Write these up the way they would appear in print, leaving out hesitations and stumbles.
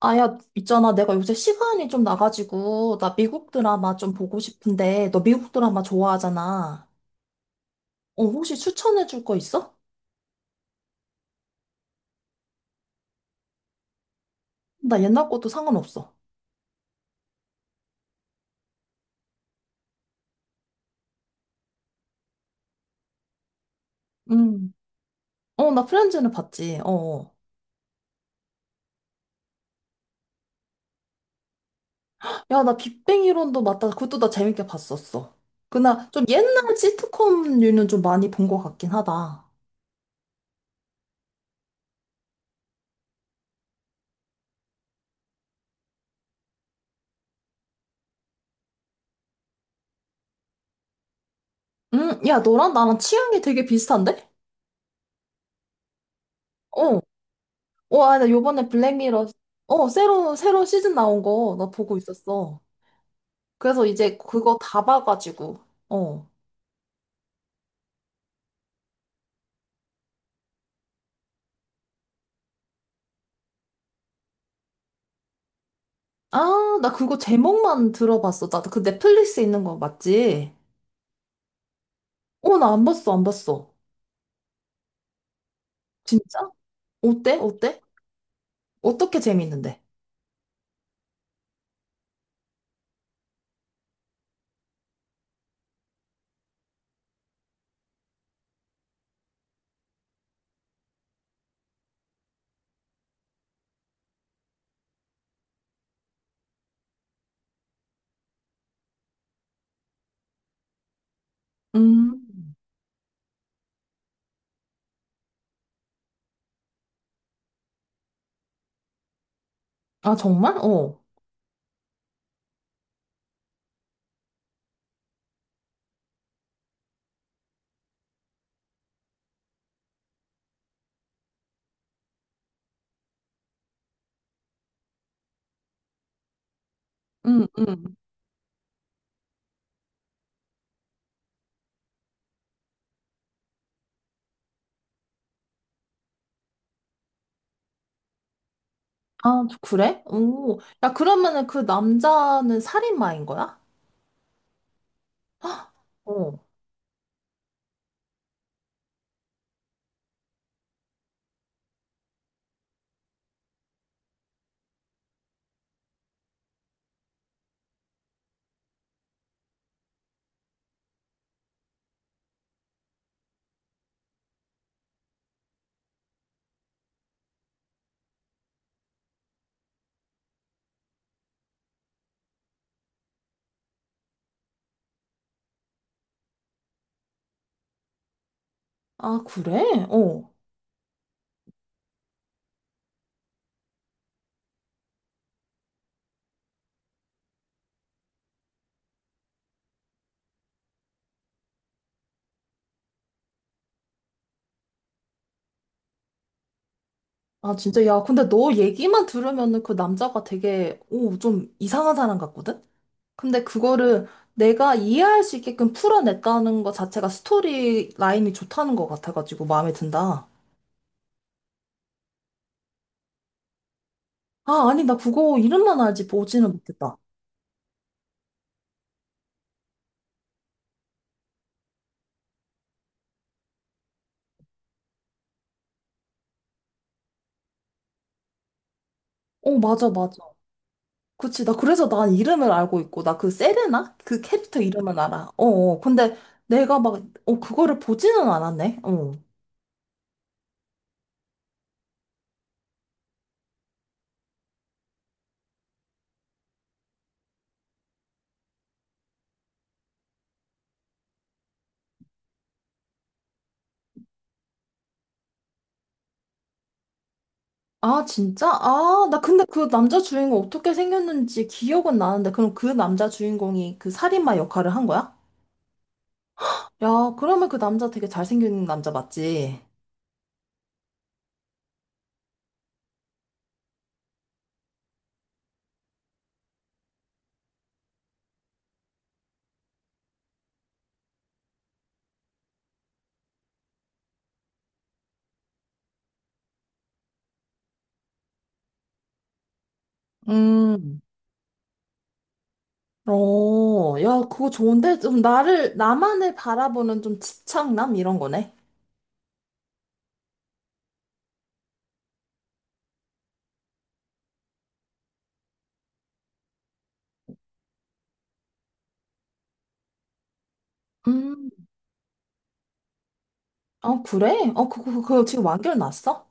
아, 야, 있잖아. 내가 요새 시간이 좀 나가지고, 나 미국 드라마 좀 보고 싶은데, 너 미국 드라마 좋아하잖아. 어, 혹시 추천해줄 거 있어? 나 옛날 것도 상관없어. 음. 어, 나 프렌즈는 봤지. 어. 어. 야, 나 빅뱅 이론도 맞다. 그것도 나 재밌게 봤었어. 그나 좀 옛날 시트콤류는 좀 많이 본 것 같긴 하다. 야, 너랑 나랑 취향이 되게 비슷한데? 어. 와, 나 요번에 블랙미러, 새로운 시즌 나온 거 나 보고 있었어. 그래서 이제 그거 다 봐가지고, 어. 아, 나 그거 제목만 들어봤어. 나 그 넷플릭스 있는 거 맞지? 어, 나 안 봤어, 안 봤어. 진짜? 어때? 어떻게 재밌는데? 음. 아, 정말? 어. 응, 응. 아, 그래? 오. 야, 그러면은 그 남자는 살인마인 거야? 헉, 어. 아, 그래? 어. 아, 진짜, 야, 근데 너 얘기만 들으면은 그 남자가 되게, 오, 좀 이상한 사람 같거든? 근데 그거를 내가 이해할 수 있게끔 풀어냈다는 것 자체가 스토리 라인이 좋다는 것 같아가지고 마음에 든다. 아, 아니, 나 그거 이름만 알지 보지는 못했다. 어, 맞아, 맞아. 그치, 나 그래서 난 이름을 알고 있고, 나 그 세레나? 그 캐릭터 이름은 알아. 어, 어. 근데 내가 막, 어, 그거를 보지는 않았네. 어. 아, 진짜? 아, 나 근데 그 남자 주인공 어떻게 생겼는지 기억은 나는데, 그럼 그 남자 주인공이 그 살인마 역할을 한 거야? 야, 그러면 그 남자 되게 잘생긴 남자 맞지? 음. 어, 야, 그거 좋은데? 좀 나를, 나만을 바라보는 좀 집착남? 이런 거네. 음. 아, 그래? 어, 그거 지금 완결 났어?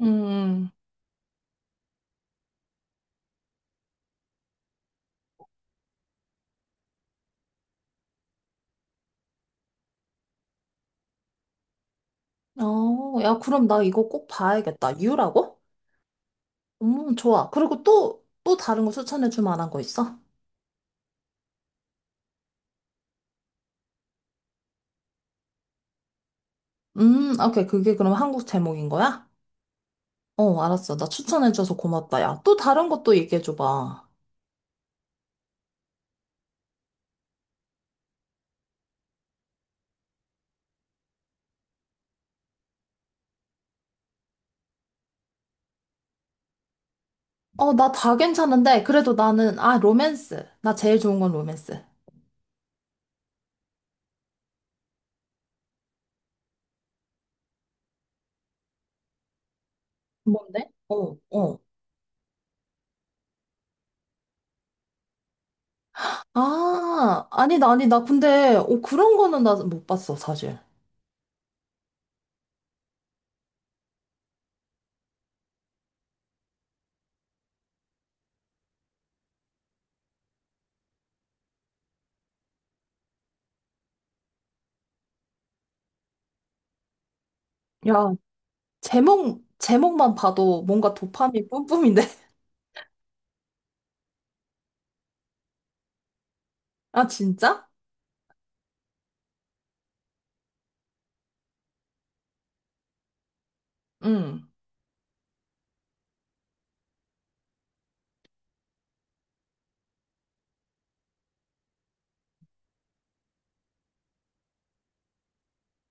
음. 어, 야, 그럼 나 이거 꼭 봐야겠다. 유라고? 좋아. 그리고 또, 또 다른 거 추천해 줄 만한 거 있어? 아, 오케이. 그게 그럼 한국 제목인 거야? 어, 알았어. 나 추천해줘서 고맙다. 야, 또 다른 것도 얘기해줘봐. 어, 나 다 괜찮은데, 그래도 나는, 아, 로맨스. 나 제일 좋은 건 로맨스. 뭔데? 어, 어. 아, 아니, 나, 아니, 나 근데, 어, 그런 거는 나 못 봤어, 사실. 야, 제목만 봐도 뭔가 도파민 뿜뿜인데? 아, 진짜? 응,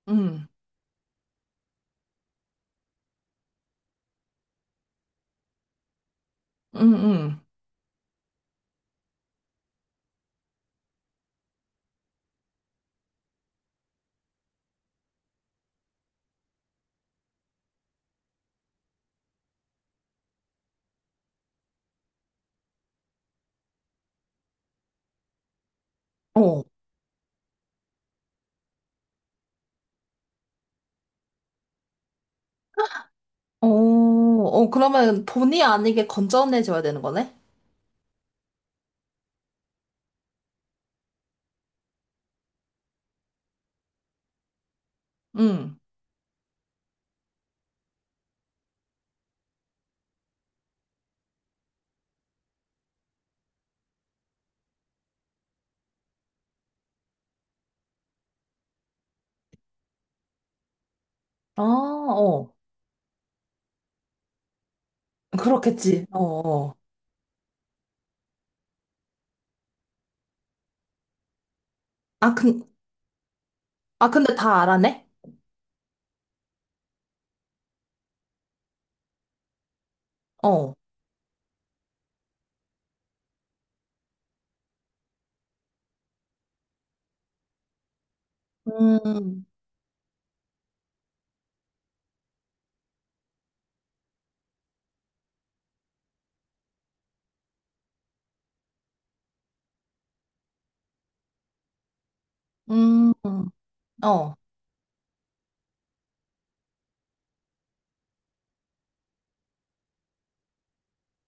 응, 응, 응. 어, 어, 그러면 본의 아니게 건전해져야 되는 거네? 응. 아, 어. 그렇겠지. 어, 어. 아, 근, 아, 근데 다 알아내? 어. 음, 음, 어,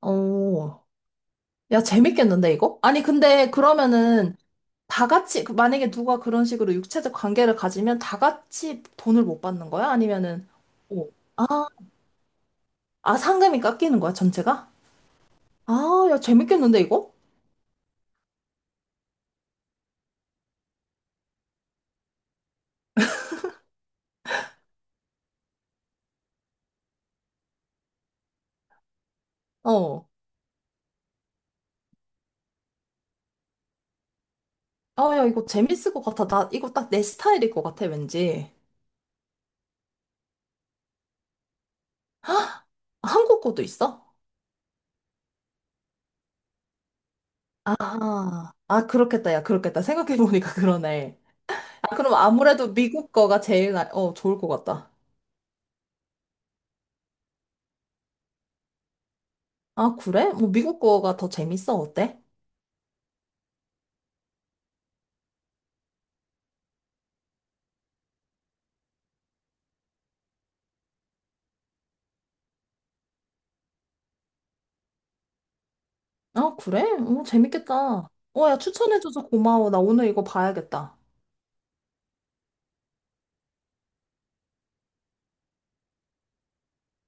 어. 야, 재밌겠는데, 이거? 아니, 근데 그러면은 다 같이, 그 만약에 누가 그런 식으로 육체적 관계를 가지면 다 같이 돈을 못 받는 거야? 아니면은, 어. 아, 아, 상금이 깎이는 거야, 전체가? 아, 야, 재밌겠는데, 이거? 어. 아, 야, 이거 재밌을 것 같아. 나, 이거 딱 내 스타일일 것 같아, 왠지. 한국 거도 있어? 아, 아, 그렇겠다. 야, 그렇겠다. 생각해보니까 그러네. 아, 그럼 아무래도 미국 거가 제일, 나- 어, 좋을 것 같다. 아, 그래? 뭐, 미국 거가 더 재밌어? 어때? 아, 그래? 어, 재밌겠다. 어, 야, 추천해줘서 고마워. 나 오늘 이거 봐야겠다.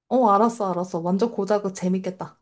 어, 알았어. 완전 고작은 재밌겠다.